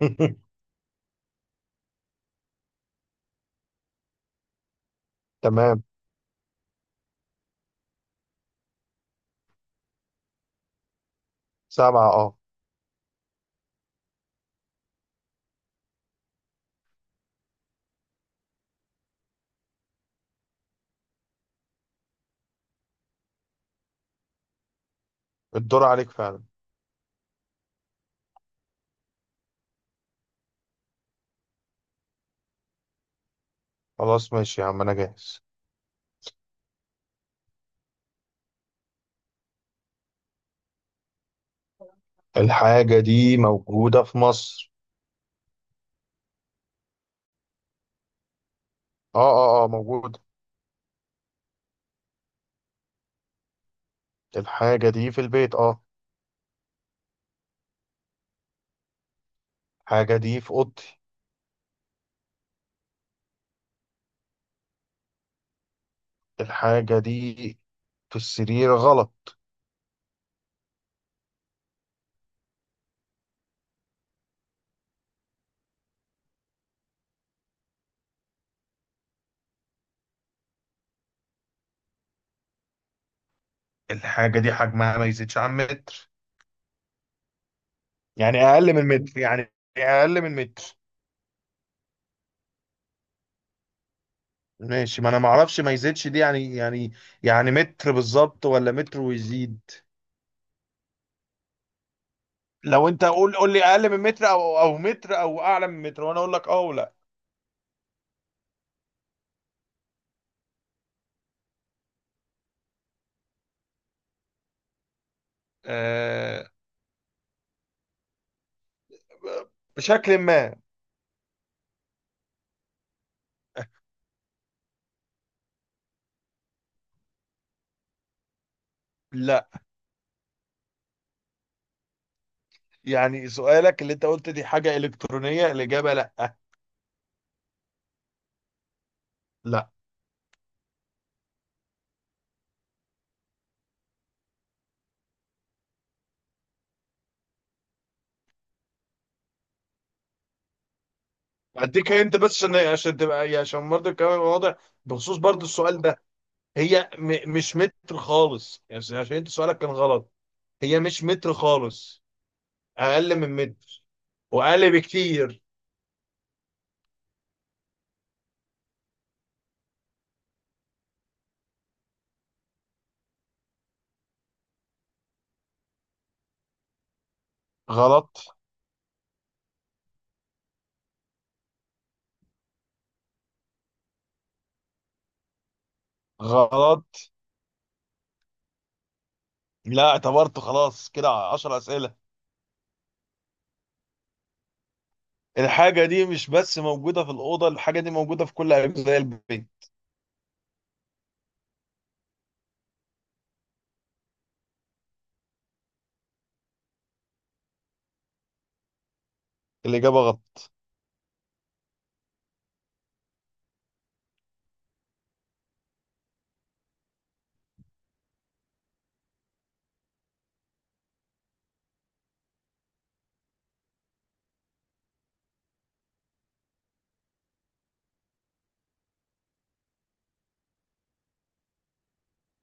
تمام. سبعة، اه. الدور عليك فعلا. خلاص ماشي يا عم، انا جاهز. الحاجة دي موجودة في مصر. اه اه اه، موجودة. الحاجة دي في البيت، اه. الحاجة دي في اوضتي. الحاجة دي في السرير غلط. الحاجة دي حجمها ما يزيدش عن متر، يعني اقل من متر. ماشي، ما انا ما اعرفش ما يزيدش دي يعني متر بالظبط ولا متر ويزيد. لو انت قول لي اقل من متر او متر او اعلى من متر وانا اقول لك اه ولا. آه، بشكل ما. لا، يعني سؤالك اللي انت قلت دي حاجه الكترونيه، الاجابه لا. لا. اديك انت بس عشان تبقى يعني عشان برضه الكلام يبقى واضح، بخصوص برضه السؤال ده. هي مش متر خالص، يعني عشان انت سؤالك كان غلط. هي مش متر خالص. اقل من متر، واقل بكتير. غلط غلط. لا اعتبرته، خلاص كده 10 اسئله. الحاجة دي مش بس موجودة في الأوضة، الحاجة دي موجودة في كل أجزاء البيت. الإجابة غلط.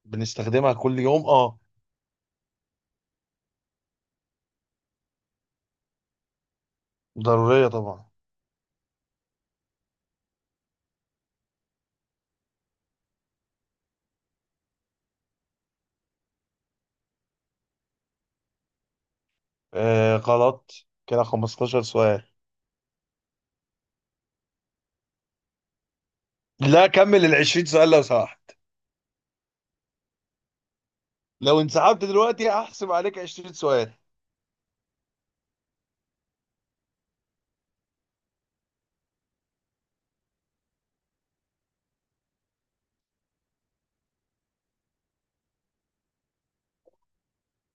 بنستخدمها كل يوم، أه. ضرورية طبعا. آه غلط. كده 15 سؤال. لا كمل ال 20 سؤال لو سمحت. لو انسحبت دلوقتي هحسب عليك 20 سؤال.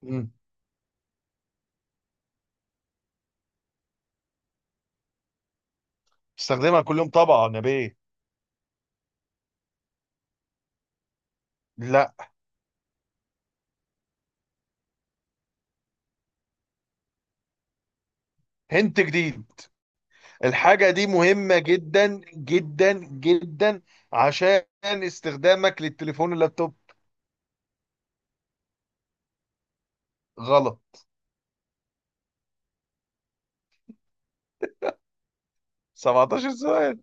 مم. بستخدمها كل يوم طبعا يا بيه. لا. هنت جديد. الحاجة دي مهمة جدا، جدا جدا، عشان استخدامك للتليفون واللابتوب. غلط. 17 سؤال.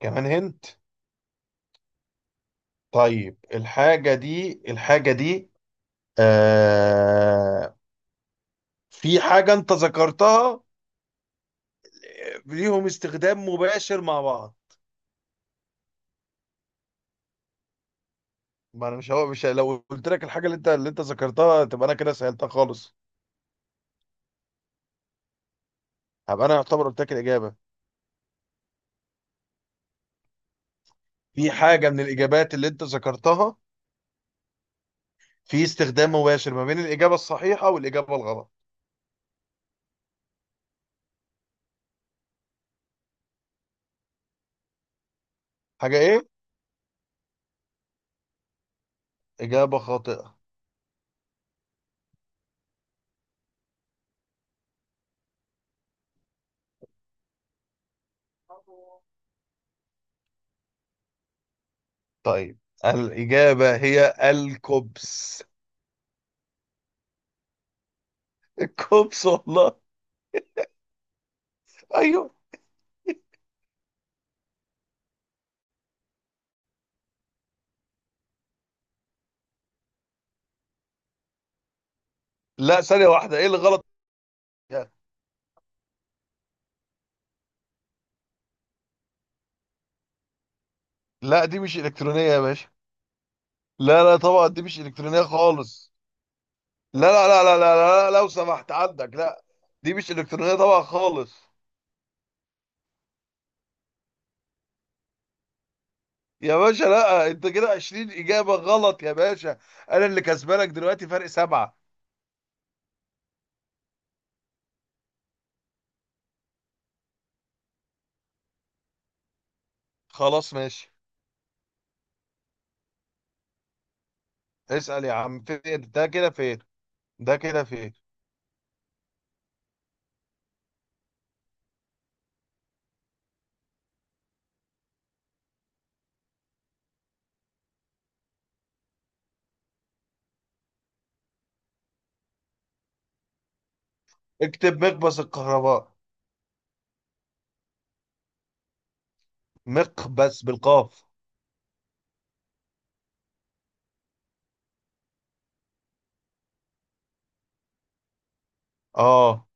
كمان هنت. طيب، الحاجة دي، آه، في حاجة انت ذكرتها، آه، ليهم استخدام مباشر مع بعض. ما انا مش هو مش لو قلت لك الحاجة اللي انت ذكرتها تبقى انا كده سألتها خالص. هبقى انا يعتبر قلت لك الإجابة. في حاجة من الإجابات اللي انت ذكرتها في استخدام مباشر ما بين الإجابة الصحيحة والإجابة الغلط. حاجة ايه؟ إجابة خاطئة. طيب، الإجابة هي الكوبس. الكوبس والله. ايوه. لا، ثانية واحدة، ايه اللي غلط فيها؟ لا دي مش الكترونية يا باشا. لا لا، طبعا دي مش الكترونية خالص. لا لا لا لا لا لا, لا، لو سمحت عندك، لا. دي مش الكترونية طبعا خالص. يا باشا لا، انت كده 20 إجابة غلط يا باشا. انا اللي كسبانك دلوقتي فرق 7. خلاص ماشي. اسأل يا عم، فين ده كده، فين ده كده، فين. اكتب مقبس الكهرباء. مقبس بالقاف. اه.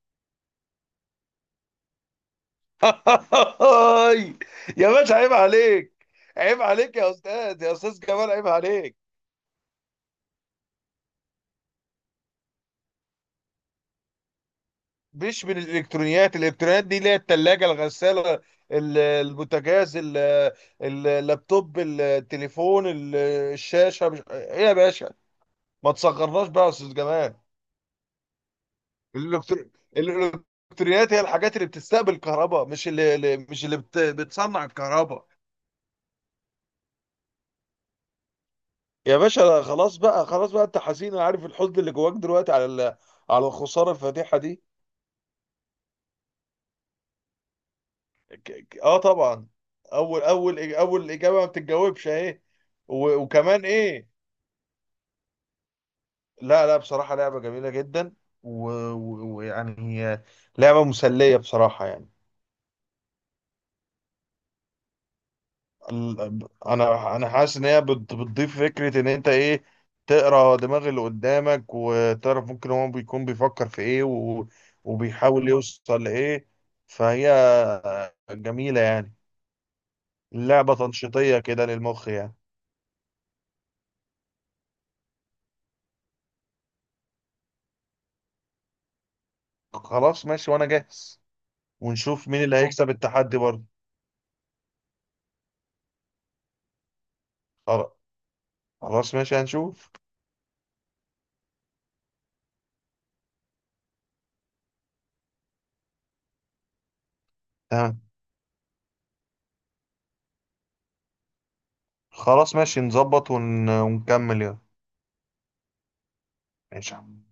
هاي. يا باشا عيب عليك. عيب عليك يا استاذ، يا استاذ جمال عيب عليك. مش من الالكترونيات. الالكترونيات دي اللي هي الثلاجه، الغساله، البوتاجاز، اللابتوب، التليفون، الشاشه. مش ايه يا باشا، ما تصغرناش بقى يا استاذ جمال. الإلكتر- الالكترونيات هي الحاجات اللي بتستقبل كهرباء، مش مش اللي بتصنع الكهرباء. يا باشا خلاص بقى، خلاص بقى، انت حزين انا عارف الحزن اللي جواك دلوقتي على على الخساره الفادحه دي. اه طبعا. اول اجابه ما بتتجاوبش اهي. وكمان ايه. لا لا، بصراحه لعبه جميله جدا، ويعني هي لعبه مسليه بصراحه يعني. انا حاسس ان هي بتضيف فكره ان انت ايه، تقرا دماغ اللي قدامك وتعرف ممكن هو بيكون بيفكر في ايه وبيحاول يوصل لايه. فهي جميله يعني، لعبه تنشيطيه كده للمخ يعني. خلاص ماشي وانا جاهز، ونشوف مين اللي هيكسب التحدي برضه. خلاص، خلاص ماشي هنشوف. تمام خلاص ماشي، نظبط ونكمل يلا. ماشي يا عم.